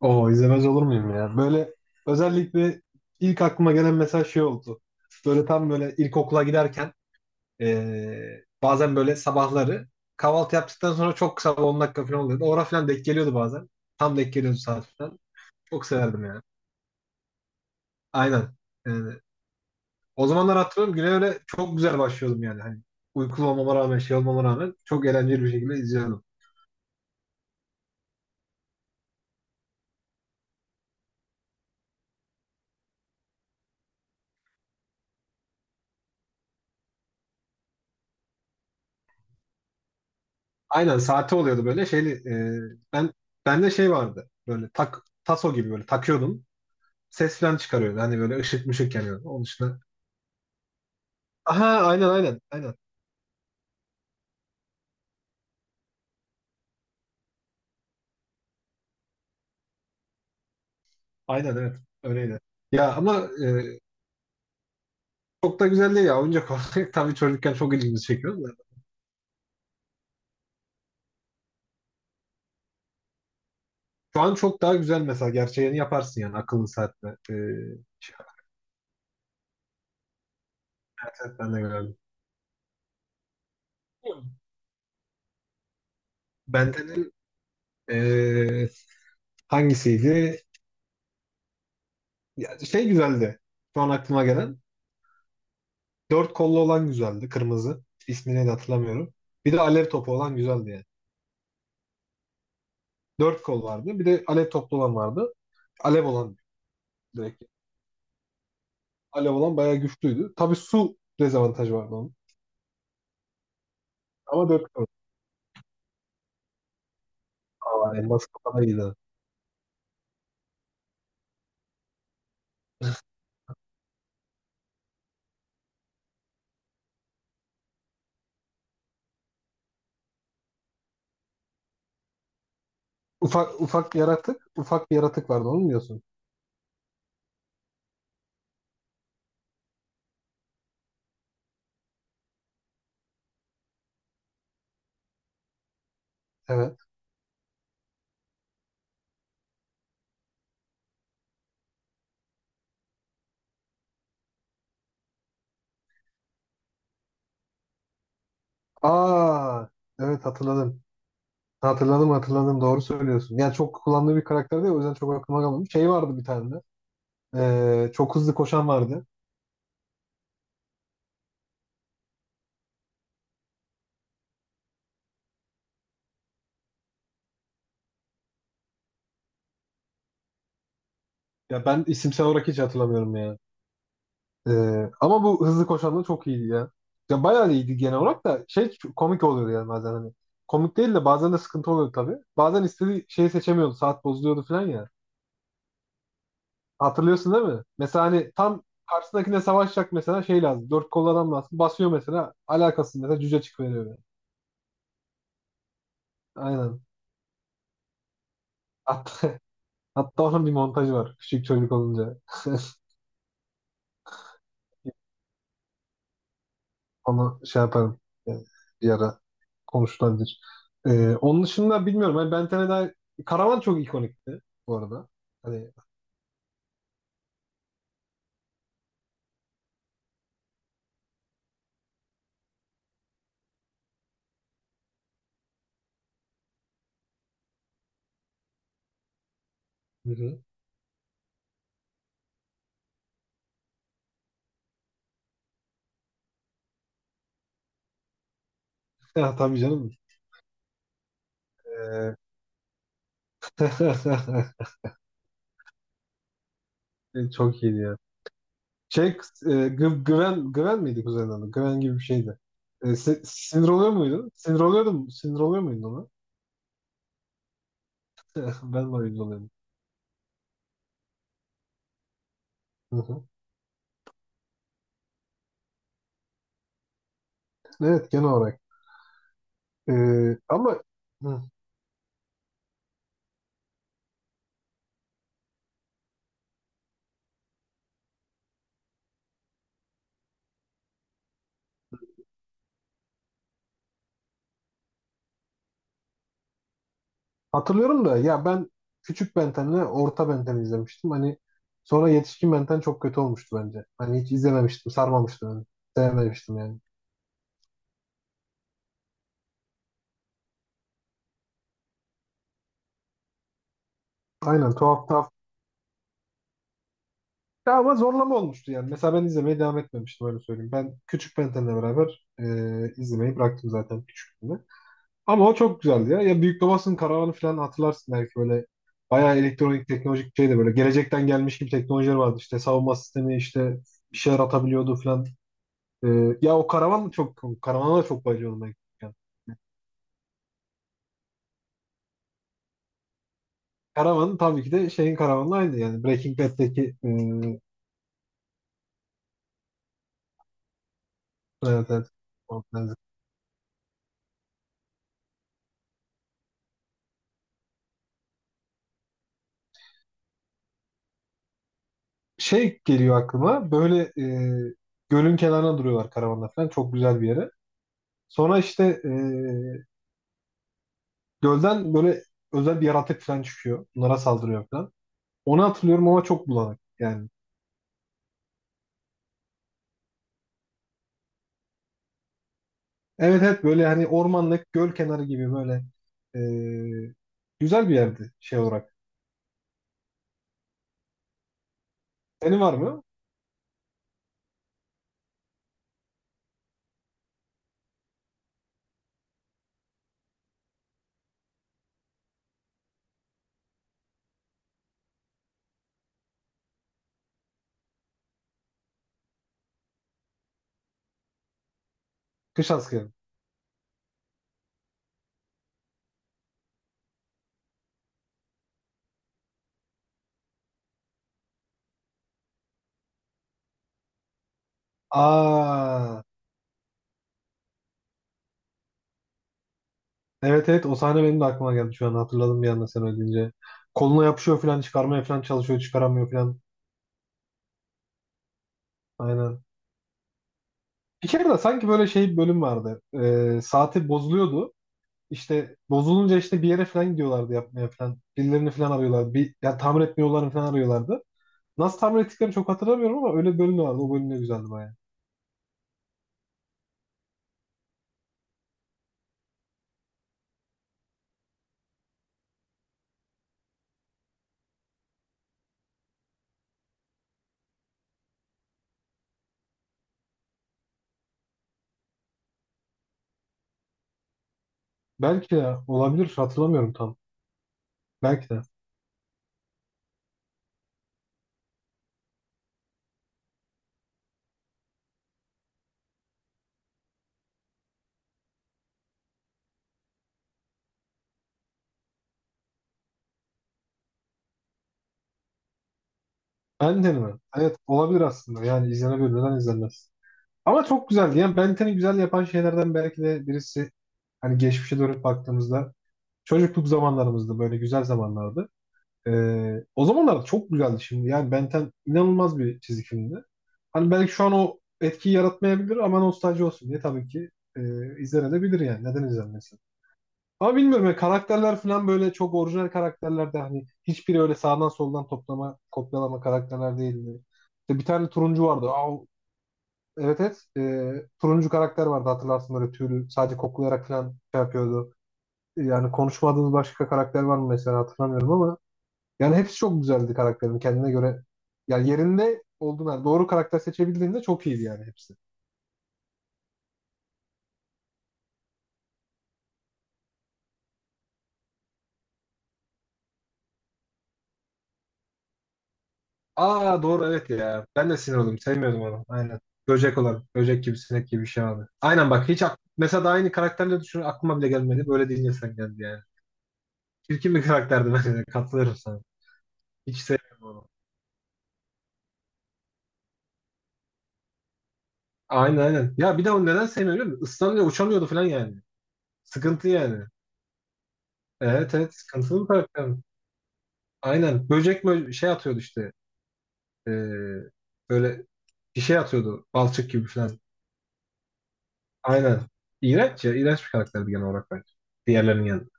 Oo, izlemez olur muyum ya? Böyle özellikle ilk aklıma gelen mesela şey oldu. Böyle tam böyle ilkokula giderken bazen böyle sabahları kahvaltı yaptıktan sonra çok kısa 10 dakika falan oluyordu. Orada falan denk geliyordu bazen. Tam denk geliyordu saat falan. Çok severdim yani. Aynen. Yani o zamanlar hatırlıyorum güne öyle çok güzel başlıyordum yani. Hani uykulu olmama rağmen şey olmama rağmen çok eğlenceli bir şekilde izliyordum. Aynen saati oluyordu böyle şeyli. Ben, bende şey vardı. Böyle tak taso gibi böyle takıyordum. Ses falan çıkarıyor, hani böyle ışık mışık yanıyor. Onun dışında. Aha, aynen, aynen. Aynen. Aynen, evet. Öyleydi. Ya ama çok da güzel değil ya. Oyuncak olarak tabii çocukken çok ilgimizi çekiyor da. Şu an çok daha güzel mesela. Gerçeğini yaparsın yani akıllı saatle. Şey, ben de gördüm. Benden'in e, hangisiydi? Ya, şey güzeldi. Şu an aklıma gelen. Dört kollu olan güzeldi. Kırmızı. İsmini de hatırlamıyorum. Bir de alev topu olan güzeldi yani. Dört kol vardı. Bir de alev toplu olan vardı. Alev olan direkt. Alev olan bayağı güçlüydü. Tabii su dezavantajı vardı onun. Ama 4 kaldı. Aa, elmas kafada iyiydi. Ufak, ufak yaratık. Ufak bir yaratık vardı, onu mu diyorsun? Evet. Aa, evet, hatırladım. Hatırladım, hatırladım, doğru söylüyorsun. Yani çok kullandığı bir karakter değil, o yüzden çok aklıma kalmadı. Şey vardı bir tane de. Çok hızlı koşan vardı. Ya ben isimsel olarak hiç hatırlamıyorum ya. Ama bu hızlı koşan da çok iyiydi ya. Ya bayağı iyiydi, genel olarak da şey çok komik oluyordu yani bazen hani. Komik değil de bazen de sıkıntı oluyordu tabii. Bazen istediği şeyi seçemiyordu. Saat bozuluyordu falan ya. Hatırlıyorsun değil mi? Mesela hani tam karşısındakine savaşacak, mesela şey lazım. Dört kollu adam lazım. Basıyor mesela. Alakasız mesela cüce çıkıveriyor böyle. Aynen. Hatta, hatta onun bir montajı var. Küçük çocuk olunca. Onu şey yaparım. Yani bir ara konuşulabilir. Onun dışında bilmiyorum. Hani Bentene'den Karavan çok ikonikti bu arada. Hani hı hı. Ya, tabii canım. Ee, çok iyiydi ya. Şey, Güven, Güven miydi kuzenin adı? Güven gibi bir şeydi. Sinir oluyor muydun? Sinir oluyordum. Sinir oluyor muydun ona? Ben de oyuncu oluyordum. Hı hı. Evet, genel olarak. E, ama hı, hatırlıyorum da ya, ben küçük Benten'le orta Benten izlemiştim. Hani sonra yetişkin Benten çok kötü olmuştu bence. Hani hiç izlememiştim, sarmamıştım yani. Sevmemiştim yani. Aynen, tuhaf tuhaf. Ya ama zorlama olmuştu yani. Mesela ben izlemeye devam etmemiştim, öyle söyleyeyim. Ben küçük Benten'le beraber izlemeyi bıraktım zaten küçüklüğümde. Ama o çok güzeldi ya. Ya Büyük Babasının Karavanı falan hatırlarsın belki, böyle bayağı elektronik teknolojik şeydi, böyle gelecekten gelmiş gibi teknolojiler vardı, işte savunma sistemi, işte bir şeyler atabiliyordu falan. Ya o karavan çok, karavana da çok bayılıyordum ben küçükken. Karavan tabii ki de şeyin karavanla aynı, yani Breaking Bad'deki, evet, evet. O benzer. Şey geliyor aklıma böyle, e, gölün kenarına duruyorlar karavanla falan, çok güzel bir yere. Sonra işte gölden böyle özel bir yaratık falan çıkıyor. Bunlara saldırıyor falan. Onu hatırlıyorum ama çok bulanık yani. Evet, evet, böyle hani ormanlık göl kenarı gibi böyle, e, güzel bir yerdi şey olarak. Senin var mı? Kış askeri. Aa, evet, evet, o sahne benim de aklıma geldi şu an, hatırladım bir anda sen öyle deyince. Koluna yapışıyor falan, çıkarmaya falan çalışıyor, çıkaramıyor falan. Aynen. Bir kere de sanki böyle şey bir bölüm vardı. Saati bozuluyordu. İşte bozulunca işte bir yere falan gidiyorlardı yapmaya falan. Birilerini falan arıyorlardı. Bir, ya tamir etmiyorlarını falan arıyorlardı. Nasıl tahmin ettiklerini çok hatırlamıyorum ama öyle bir bölüm vardı. O bölüm de güzeldi baya. Belki de olabilir. Hatırlamıyorum tam. Belki de. Ben Ten'i mi? Evet, olabilir aslında. Yani izlenebilir. Neden izlenmez? Ama çok güzeldi. Yani Ben Ten'i güzel yapan şeylerden belki de birisi, hani geçmişe dönüp baktığımızda çocukluk zamanlarımızda böyle güzel zamanlardı. O zamanlar çok güzeldi, şimdi. Yani Ben Ten inanılmaz bir çizgi filmdi. Hani belki şu an o etkiyi yaratmayabilir ama nostalji olsun diye tabii ki e, izlenebilir yani. Neden izlenmesin? Ama bilmiyorum ya, karakterler falan böyle çok orijinal karakterler de, hani hiçbiri öyle sağdan soldan toplama, kopyalama karakterler değildi. İşte bir tane turuncu vardı. Aa, evet, evet. Turuncu karakter vardı, hatırlarsın böyle tüylü, sadece koklayarak falan şey yapıyordu. Yani konuşmadığımız başka karakter var mı mesela, hatırlamıyorum ama yani hepsi çok güzeldi, karakterin kendine göre. Yani yerinde olduğun doğru karakter seçebildiğinde çok iyiydi yani hepsi. Aa, doğru, evet ya. Ben de sinir oldum. Sevmiyordum onu. Aynen. Böcek olan. Böcek gibi, sinek gibi bir şey vardı. Aynen bak, hiç mesela da aynı karakterle düşün, aklıma bile gelmedi. Böyle deyince sen, geldi yani. Çirkin bir karakterdi bence de. Katılıyorum sana. Hiç sevmiyorum onu. Aynen, aynen. Ya bir de onu neden sevmiyorum biliyor musun? Islanıyor, uçamıyordu falan yani. Sıkıntı yani. Evet, evet, sıkıntılı bir karakter. Aynen. Böcek böyle şey atıyordu işte. Ee, böyle bir şey atıyordu. Balçık gibi falan. Aynen. İğrenç ya. İğrenç bir karakterdi genel olarak bence. Diğerlerinin yanında.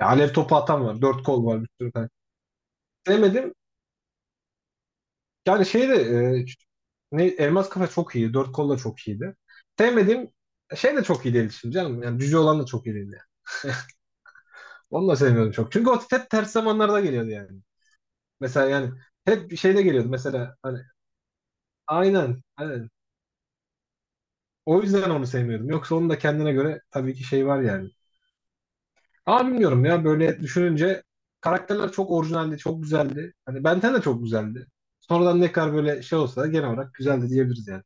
Ya alev topu atan var. Dört kol var, bir sürü tane. Sevmedim. Yani şey de ne, Elmas Kafa çok iyi. Dört kol da çok iyiydi. Sevmedim. Şey de çok iyi değildi şimdi canım. Yani cüce olan da çok iyi değildi yani. Onu da sevmiyordum çok. Çünkü o hep ters zamanlarda geliyordu yani. Mesela yani hep şeyde geliyordu mesela hani, aynen, aynen. O yüzden onu sevmiyordum. Yoksa onun da kendine göre tabii ki şey var yani. Ama bilmiyorum ya, böyle düşününce karakterler çok orijinaldi, çok güzeldi. Hani Benten de çok güzeldi. Sonradan ne kadar böyle şey olsa da genel olarak güzeldi diyebiliriz yani.